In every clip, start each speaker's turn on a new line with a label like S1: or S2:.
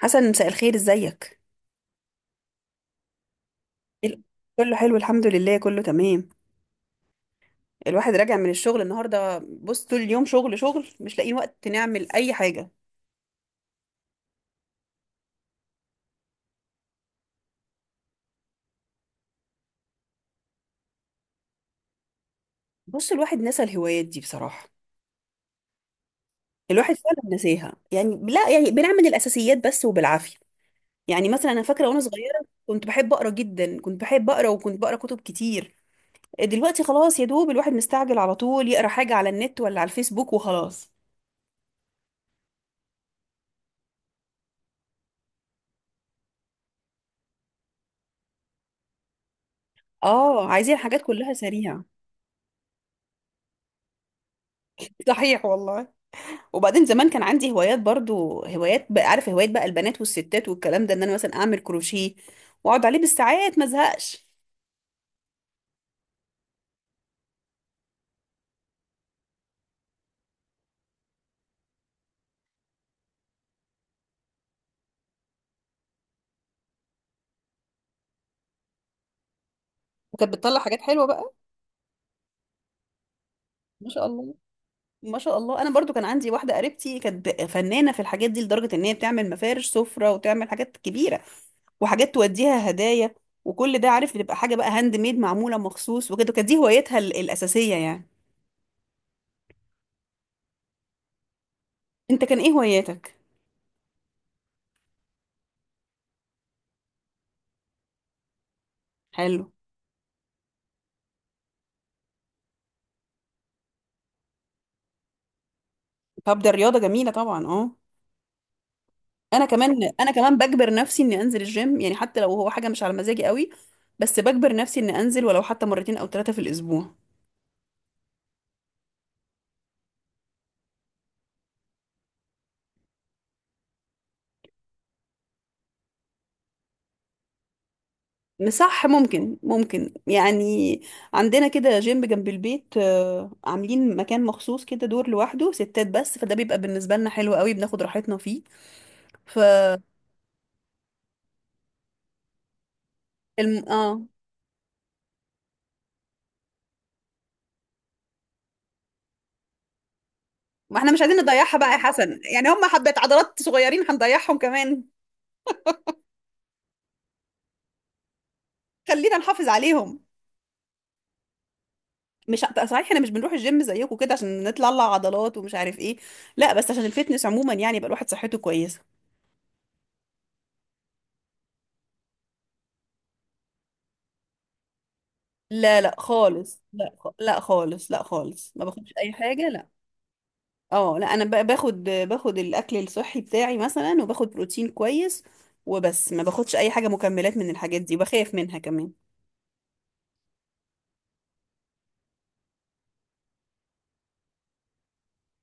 S1: حسن، مساء الخير، ازيك؟ ال- كله حلو، الحمد لله، كله تمام. الواحد راجع من الشغل النهارده، بص طول اليوم شغل شغل مش لاقيين وقت نعمل اي حاجه. بص، الواحد نسى الهوايات دي بصراحه. الواحد فعلا نساها، يعني لا يعني بنعمل الاساسيات بس وبالعافيه. يعني مثلا انا فاكره وانا صغيره كنت بحب اقرا جدا، كنت بحب اقرا وكنت بقرا كتب كتير. دلوقتي خلاص يا دوب الواحد مستعجل على طول يقرا حاجه على النت ولا على الفيسبوك وخلاص. اه، عايزين حاجات كلها سريعه. صحيح والله. وبعدين زمان كان عندي هوايات، برضو هوايات بقى عارف هوايات بقى البنات والستات والكلام ده، ان انا مثلا اعمل كروشيه واقعد عليه بالساعات ما ازهقش. وكانت بتطلع حاجات حلوه بقى. ما شاء الله، ما شاء الله. انا برضو كان عندي واحده قريبتي كانت فنانه في الحاجات دي، لدرجه ان هي بتعمل مفارش سفره وتعمل حاجات كبيره وحاجات توديها هدايا. وكل ده عارف بتبقى حاجه بقى هاند ميد، معموله مخصوص وكده. كانت دي هوايتها الاساسيه يعني. انت كان ايه هواياتك؟ حلو. طب ده الرياضه جميله طبعا، اه. انا كمان بجبر نفسي اني انزل الجيم، يعني حتى لو هو حاجه مش على مزاجي قوي. بس بجبر نفسي اني انزل ولو حتى مرتين او ثلاثه في الاسبوع. صح. ممكن يعني. عندنا كده جيم جنب البيت، آه، عاملين مكان مخصوص كده، دور لوحده ستات بس، فده بيبقى بالنسبه لنا حلو قوي، بناخد راحتنا فيه. ف اه. ما احنا مش عايزين نضيعها بقى يا حسن، يعني هم حبة عضلات صغيرين هنضيعهم كمان. خلينا نحافظ عليهم. مش، صحيح احنا مش بنروح الجيم زيكم كده عشان نطلع عضلات ومش عارف ايه. لا بس عشان الفتنس عموما، يعني يبقى الواحد صحته كويسه. لا لا خالص، لا لا خالص، لا خالص ما باخدش اي حاجه، لا. اه لا، انا باخد الاكل الصحي بتاعي مثلا، وباخد بروتين كويس وبس، ما باخدش اي حاجه مكملات من الحاجات دي، وبخاف منها كمان.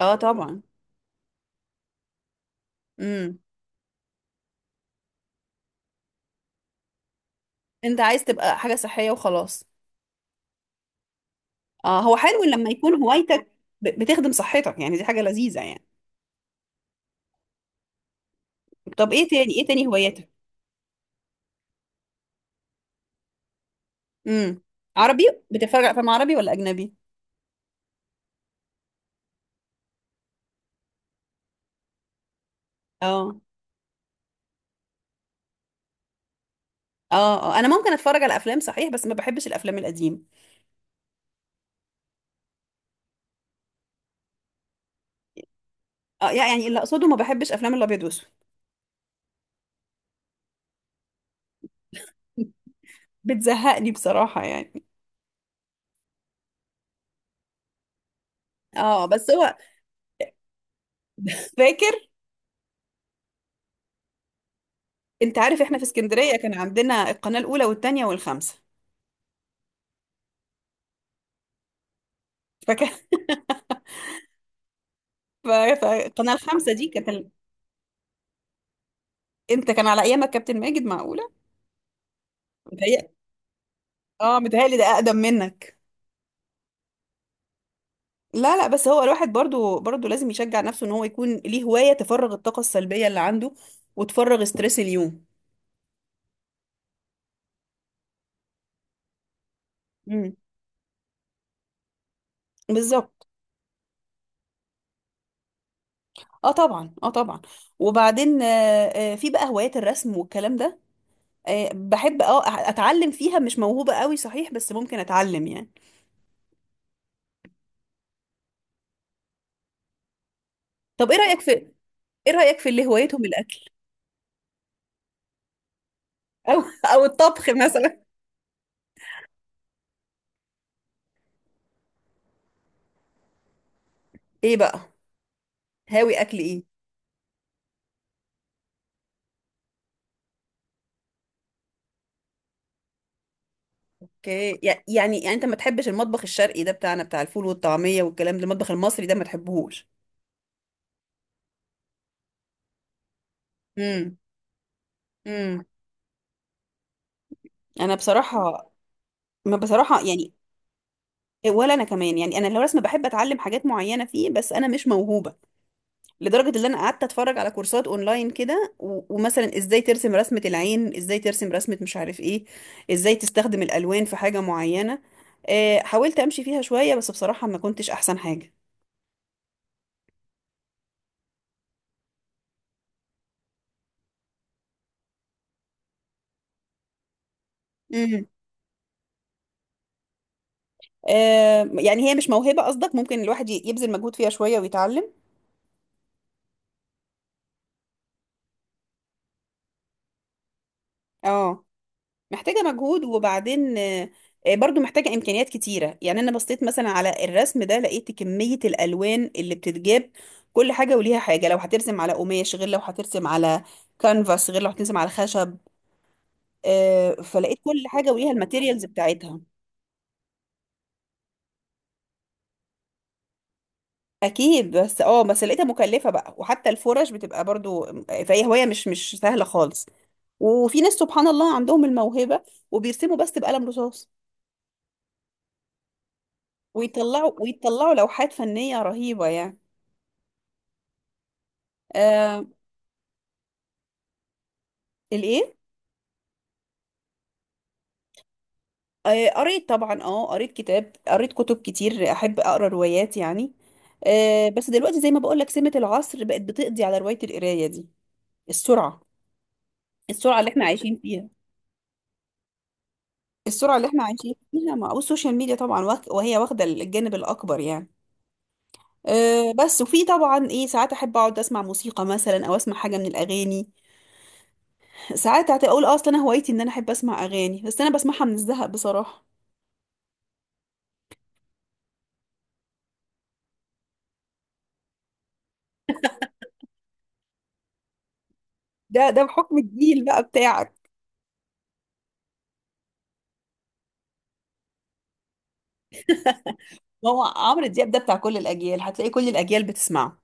S1: اه طبعا. امم. انت عايز تبقى حاجه صحيه وخلاص. اه هو حلو لما يكون هوايتك بتخدم صحتك، يعني دي حاجه لذيذه يعني. طب ايه تاني، ايه تاني هواياتك؟ امم. عربي. بتتفرج على افلام عربي ولا اجنبي؟ اه اه. اه انا ممكن اتفرج على افلام صحيح، بس ما بحبش الافلام القديمه. اه يعني اللي اقصده ما بحبش افلام الابيض واسود. بتزهقني بصراحه يعني. اه، بس هو فاكر. انت عارف احنا في اسكندريه كان عندنا القناه الاولى والثانيه والخامسه. فاكر. ف- فالقناه الخامسه دي كانت انت كان على ايامك كابتن ماجد؟ معقوله. متهيأ. اه متهيألي ده اقدم منك. لا لا، بس هو الواحد برضو لازم يشجع نفسه ان هو يكون ليه هواية تفرغ الطاقة السلبية اللي عنده وتفرغ ستريس اليوم. امم بالظبط. اه طبعا، اه طبعا. وبعدين آه، آه، في بقى هوايات الرسم والكلام ده. آه بحب، اه اتعلم فيها، مش موهوبة قوي صحيح بس ممكن اتعلم يعني. طب ايه رأيك في، ايه رأيك في اللي هوايتهم الاكل، او او الطبخ مثلا؟ ايه بقى؟ هاوي اكل ايه؟ اوكي، يعني انت ما تحبش المطبخ الشرقي ده بتاعنا، بتاع الفول والطعمية والكلام ده، المطبخ المصري ده ما تحبهوش. امم. انا بصراحه، ما بصراحه يعني. ولا انا كمان يعني، انا الرسم بحب اتعلم حاجات معينه فيه بس انا مش موهوبه. لدرجه ان انا قعدت اتفرج على كورسات اونلاين كده ومثلا ازاي ترسم رسمه العين، ازاي ترسم رسمه مش عارف ايه، ازاي تستخدم الالوان في حاجه معينه. آه، حاولت امشي فيها شويه بس بصراحه ما كنتش احسن حاجه. امم. آه، يعني هي مش موهبه قصدك، ممكن الواحد يبذل مجهود فيها شويه ويتعلم. اه. محتاجة مجهود، وبعدين آه، آه، برضو محتاجة إمكانيات كتيرة، يعني أنا بصيت مثلا على الرسم ده لقيت كمية الألوان اللي بتتجاب، كل حاجة وليها حاجة، لو هترسم على قماش غير لو هترسم على كانفاس غير لو هترسم على خشب. آه، فلقيت كل حاجة وليها الماتيريالز بتاعتها. أكيد، بس اه بس لقيتها مكلفة بقى، وحتى الفرش بتبقى برضو آه، فهي هواية مش سهلة خالص. وفي ناس سبحان الله عندهم الموهبة وبيرسموا بس بقلم رصاص، ويطلعوا لوحات فنية رهيبة يعني. آه. الايه؟ آه قريت طبعا، اه قريت كتاب، قريت كتب كتير، احب اقرا روايات يعني. آه بس دلوقتي زي ما بقول لك، سمة العصر بقت بتقضي على رواية القراية دي، السرعة، السرعة اللي احنا عايشين فيها. السرعة اللي احنا عايشين فيها مع والسوشيال ميديا طبعا، وهي واخدة الجانب الأكبر يعني. أه بس وفي طبعا ايه ساعات احب اقعد اسمع موسيقى مثلا او اسمع حاجه من الاغاني. ساعات هتقول اصلا انا هوايتي ان انا احب اسمع اغاني، بس انا بسمعها من الزهق بصراحه. ده بحكم الجيل بقى بتاعك. ما هو عمرو دياب ده بتاع كل الاجيال، هتلاقي كل الاجيال بتسمعه.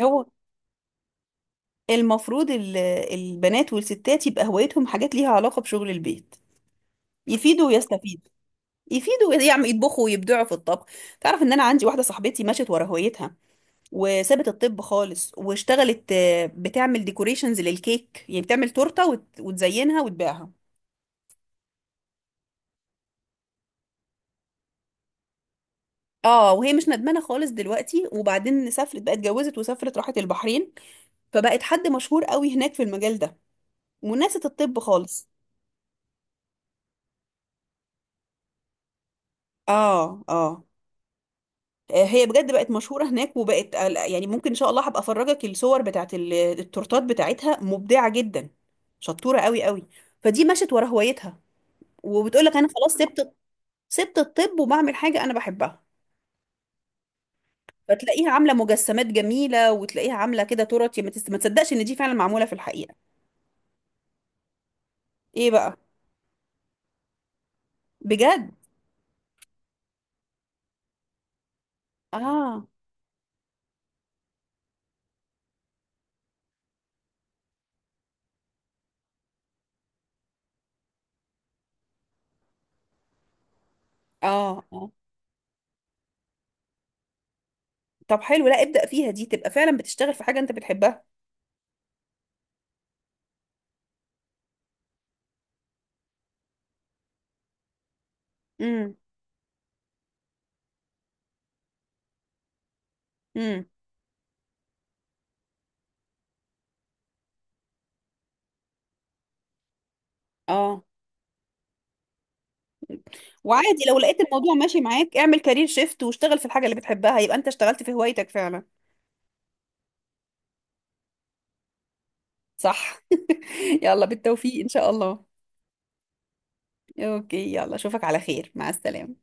S1: هو المفروض البنات والستات يبقى هوايتهم حاجات ليها علاقه بشغل البيت، يفيدوا ويستفيدوا، يفيدوا يعمل يطبخوا ويبدعوا في الطبخ. تعرف ان انا عندي واحده صاحبتي مشت ورا هوايتها، وسابت الطب خالص واشتغلت آه، بتعمل ديكوريشنز للكيك، يعني بتعمل تورته وتزينها وتبيعها. اه وهي مش ندمانه خالص دلوقتي، وبعدين سافرت بقى، اتجوزت وسافرت راحت البحرين، فبقت حد مشهور قوي هناك في المجال ده، وناست الطب خالص. اه اه. آه، هي بجد بقت مشهورة هناك وبقت آه، لا، يعني ممكن ان شاء الله هبقى افرجك الصور بتاعت التورتات بتاعتها، مبدعة جدا، شطورة قوي قوي. فدي مشت ورا هوايتها، وبتقول لك انا خلاص سبت، سبت الطب وبعمل حاجة انا بحبها. فتلاقيها عاملة مجسمات جميلة، وتلاقيها عاملة كده تورت ما تصدقش ان دي فعلا معمولة في الحقيقة. ايه بقى؟ بجد. اه اه اه. طب حلو، لا ابدأ فيها، دي تبقى فعلا بتشتغل في حاجة انت بتحبها. امم امم. اه وعادي، لو لقيت الموضوع ماشي معاك اعمل كارير شيفت واشتغل في الحاجة اللي بتحبها، يبقى انت اشتغلت في هوايتك فعلا. صح. يلا بالتوفيق ان شاء الله. اوكي يلا، اشوفك على خير، مع السلامة.